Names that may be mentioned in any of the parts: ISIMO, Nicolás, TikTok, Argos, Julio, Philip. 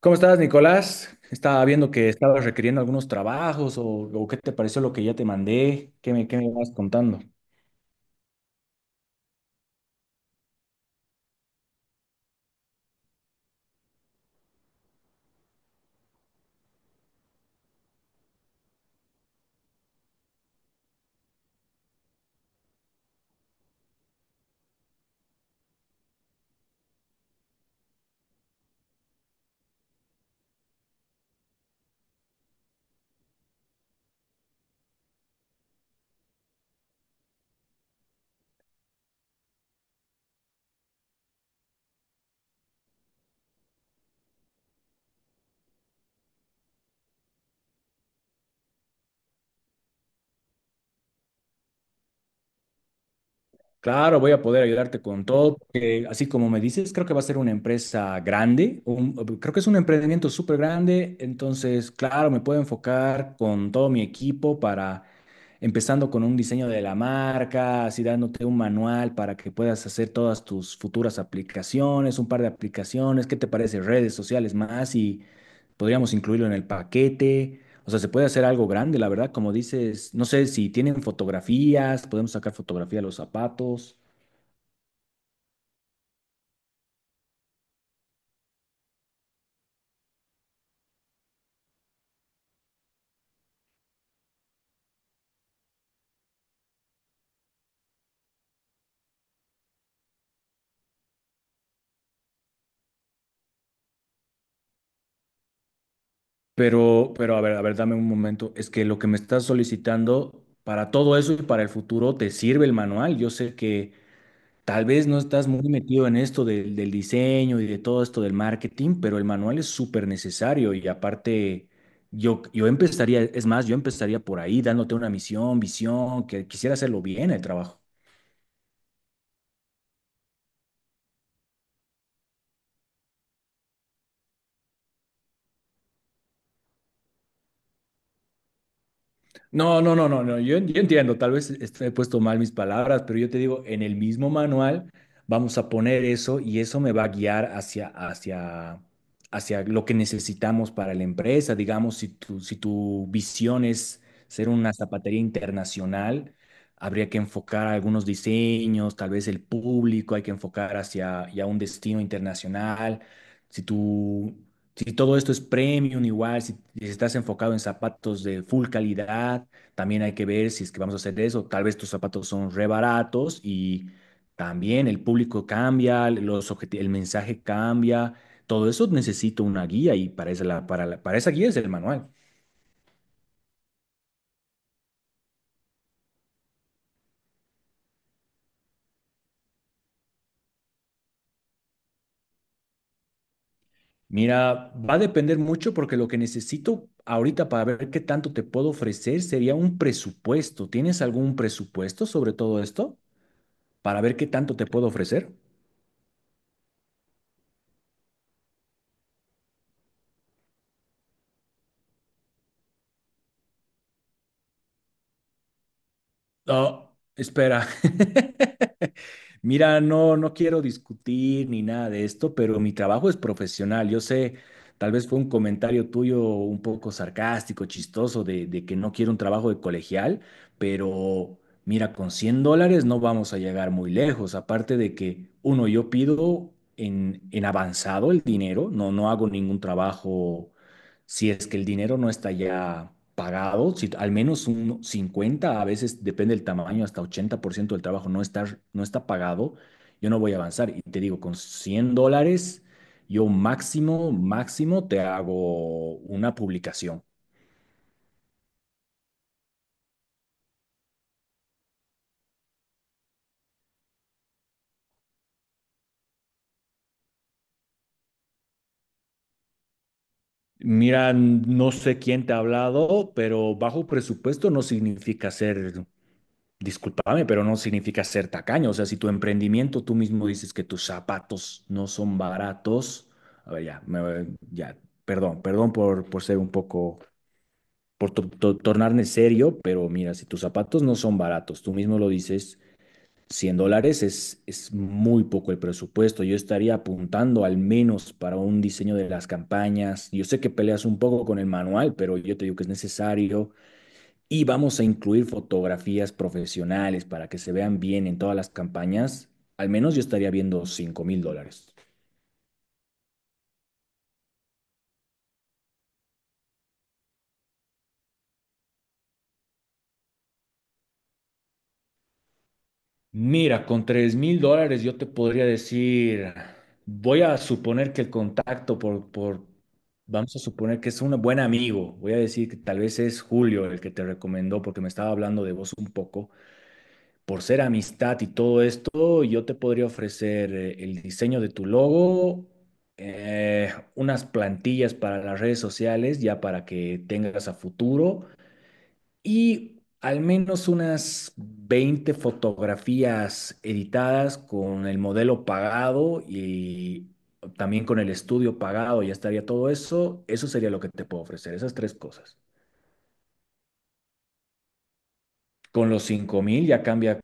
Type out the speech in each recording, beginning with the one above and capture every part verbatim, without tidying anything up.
¿Cómo estás, Nicolás? Estaba viendo que estabas requiriendo algunos trabajos o, o qué te pareció lo que ya te mandé, qué me, qué me vas contando. Claro, voy a poder ayudarte con todo, porque así como me dices, creo que va a ser una empresa grande, un- creo que es un emprendimiento súper grande, entonces, claro, me puedo enfocar con todo mi equipo para, empezando con un diseño de la marca, así dándote un manual para que puedas hacer todas tus futuras aplicaciones, un par de aplicaciones, ¿qué te parece? Redes sociales más. Podríamos incluirlo en el paquete. O sea, se puede hacer algo grande, la verdad. Como dices, no sé si tienen fotografías, podemos sacar fotografía de los zapatos. Pero, pero a ver, a ver, dame un momento. Es que lo que me estás solicitando para todo eso y para el futuro te sirve el manual. Yo sé que tal vez no estás muy metido en esto del, del diseño y de todo esto del marketing, pero el manual es súper necesario y aparte yo, yo empezaría, es más, yo empezaría por ahí dándote una misión, visión, que quisiera hacerlo bien el trabajo. No, no, no, no, no. Yo, yo entiendo, tal vez est- he puesto mal mis palabras, pero yo te digo, en el mismo manual vamos a poner eso y eso me va a guiar hacia, hacia, hacia lo que necesitamos para la empresa. Digamos, si tu, si tu visión es ser una zapatería internacional, habría que enfocar algunos diseños, tal vez el público, hay que enfocar hacia ya un destino internacional. Si tú si todo esto es premium, igual, si, si estás enfocado en zapatos de full calidad, también hay que ver si es que vamos a hacer eso. Tal vez tus zapatos son re baratos y también el público cambia, los objeti- el mensaje cambia. Todo eso necesito una guía y para esa, la- para la- para esa guía es el manual. Mira, va a depender mucho porque lo que necesito ahorita para ver qué tanto te puedo ofrecer sería un presupuesto. ¿Tienes algún presupuesto sobre todo esto para ver qué tanto te puedo ofrecer? No, espera. Mira, no, no quiero discutir ni nada de esto, pero mi trabajo es profesional. Yo sé, tal vez fue un comentario tuyo un poco sarcástico, chistoso, de, de que no quiero un trabajo de colegial, pero mira, con cien dólares no vamos a llegar muy lejos. Aparte de que, uno, yo pido en, en avanzado el dinero, no, no hago ningún trabajo si es que el dinero no está ya pagado, si al menos un cincuenta a veces depende del tamaño, hasta ochenta por ciento del trabajo no está, no está pagado, yo no voy a avanzar. Y te digo, con cien dólares, yo máximo, máximo te hago una publicación. Mira, no sé quién te ha hablado, pero bajo presupuesto no significa ser. Discúlpame, pero no significa ser tacaño. O sea, si tu emprendimiento, tú mismo dices que tus zapatos no son baratos. A ver, ya, me- ya, perdón, perdón por, por ser un poco, por to- to- tornarme serio, pero mira, si tus zapatos no son baratos, tú mismo lo dices, cien dólares es, es muy poco el presupuesto. Yo estaría apuntando al menos para un diseño de las campañas. Yo sé que peleas un poco con el manual, pero yo te digo que es necesario. Y vamos a incluir fotografías profesionales para que se vean bien en todas las campañas. Al menos yo estaría viendo cinco mil dólares. Mira, con tres mil dólares yo te podría decir, voy a suponer que el contacto por, por, vamos a suponer que es un buen amigo. Voy a decir que tal vez es Julio el que te recomendó porque me estaba hablando de vos un poco. Por ser amistad y todo esto, yo te podría ofrecer eh, el diseño de tu logo, eh, unas plantillas para las redes sociales, ya para que tengas a futuro, y al menos unas veinte fotografías editadas con el modelo pagado y también con el estudio pagado, ya estaría todo eso. Eso sería lo que te puedo ofrecer, esas tres cosas. Con los cinco mil ya cambia.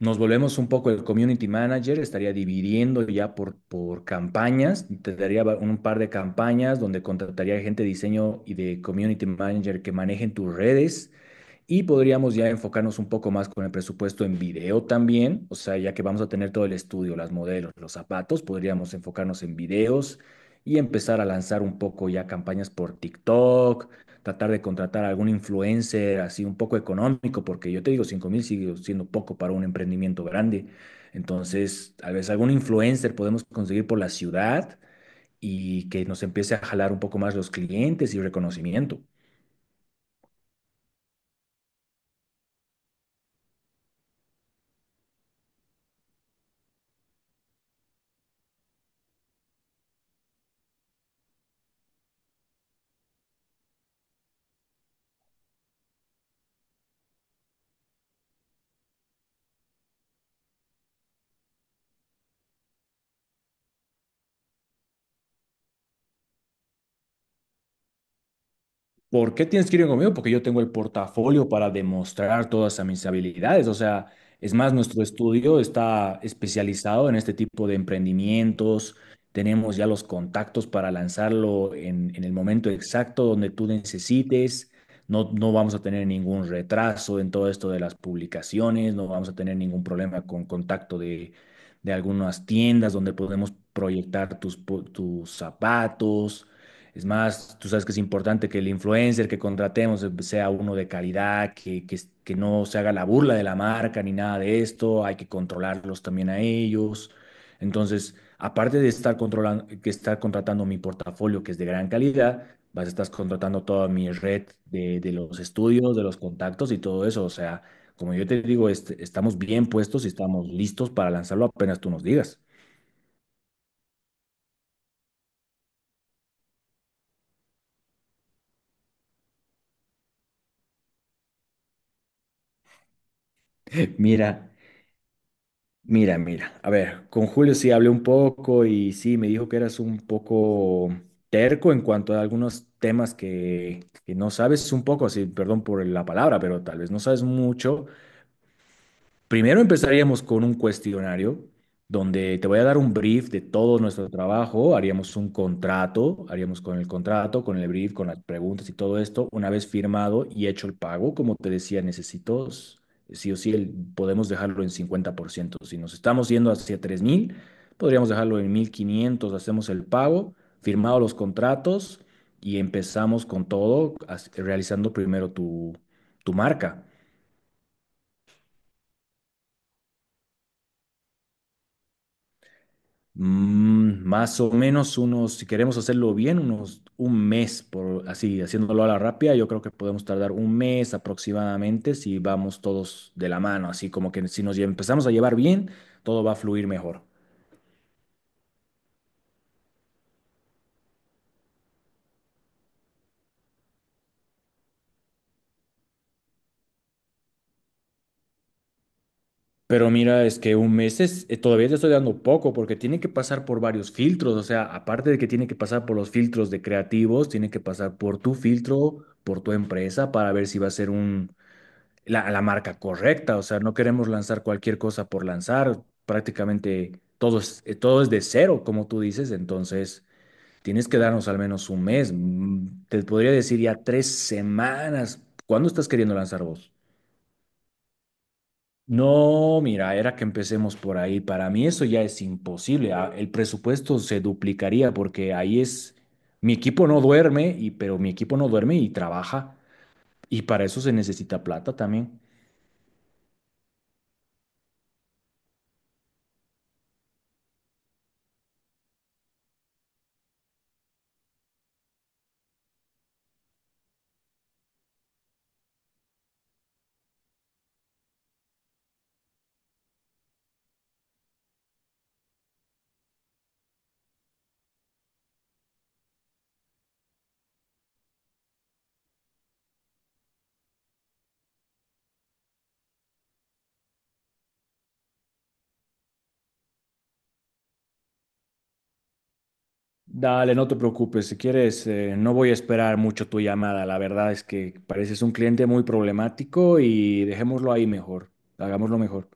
Nos volvemos un poco el community manager, estaría dividiendo ya por, por campañas, te daría va- un par de campañas donde contrataría gente de diseño y de community manager que manejen tus redes y podríamos ya enfocarnos un poco más con el presupuesto en video también, o sea, ya que vamos a tener todo el estudio, las modelos, los zapatos, podríamos enfocarnos en videos y empezar a lanzar un poco ya campañas por TikTok, tratar de contratar a algún influencer así un poco económico, porque yo te digo, cinco mil sigue siendo poco para un emprendimiento grande. Entonces, a veces algún influencer podemos conseguir por la ciudad y que nos empiece a jalar un poco más los clientes y reconocimiento. ¿Por qué tienes que ir conmigo? Porque yo tengo el portafolio para demostrar todas mis habilidades. O sea, es más, nuestro estudio está especializado en este tipo de emprendimientos. Tenemos ya los contactos para lanzarlo en, en el momento exacto donde tú necesites. No, no vamos a tener ningún retraso en todo esto de las publicaciones. No vamos a tener ningún problema con contacto de, de algunas tiendas donde podemos proyectar tus, po- tus zapatos. Es más, tú sabes que es importante que el influencer que contratemos eh, sea uno de calidad, que, que, que no se haga la burla de la marca ni nada de esto, hay que controlarlos también a ellos. Entonces, aparte de estar controlando, que estar contratando mi portafolio, que es de gran calidad, vas a estar contratando toda mi red de, de los estudios, de los contactos y todo eso. O sea, como yo te digo, est- estamos bien puestos y estamos listos para lanzarlo apenas tú nos digas. Mira. Mira, mira, a ver, con Julio sí hablé un poco y sí, me dijo que eras un poco terco en cuanto a algunos temas que, que no sabes un poco, sí, perdón por la palabra, pero tal vez no sabes mucho. Primero empezaríamos con un cuestionario donde te voy a dar un brief de todo nuestro trabajo, haríamos un contrato, haríamos con el contrato, con el brief, con las preguntas y todo esto. Una vez firmado y hecho el pago, como te decía, necesito s- sí o sí, el- podemos dejarlo en cincuenta por ciento. Si nos estamos yendo hacia tres mil, podríamos dejarlo en mil quinientos. Hacemos el pago, firmado los contratos y empezamos con todo, as- realizando primero tu tu marca. Mm, más o menos unos, si queremos hacerlo bien, unos un mes, por así, haciéndolo a la rápida, yo creo que podemos tardar un mes aproximadamente si vamos todos de la mano, así como que si nos lle- empezamos a llevar bien, todo va a fluir mejor. Pero mira, es que un mes es, eh, todavía te estoy dando poco porque tiene que pasar por varios filtros, o sea, aparte de que tiene que pasar por los filtros de creativos, tiene que pasar por tu filtro, por tu empresa, para ver si va a ser un la, la marca correcta, o sea, no queremos lanzar cualquier cosa por lanzar, prácticamente todo es, eh, todo es de cero, como tú dices, entonces tienes que darnos al menos un mes, mm, te podría decir ya tres semanas, ¿cuándo estás queriendo lanzar vos? No, mira, era que empecemos por ahí, para mí eso ya es imposible, ah, el presupuesto se duplicaría porque ahí es, mi equipo no duerme, y, pero mi equipo no duerme y trabaja, y para eso se necesita plata también. Dale, no te preocupes. Si quieres, eh, no voy a esperar mucho tu llamada. La verdad es que pareces un cliente muy problemático y dejémoslo ahí mejor. Hagámoslo mejor.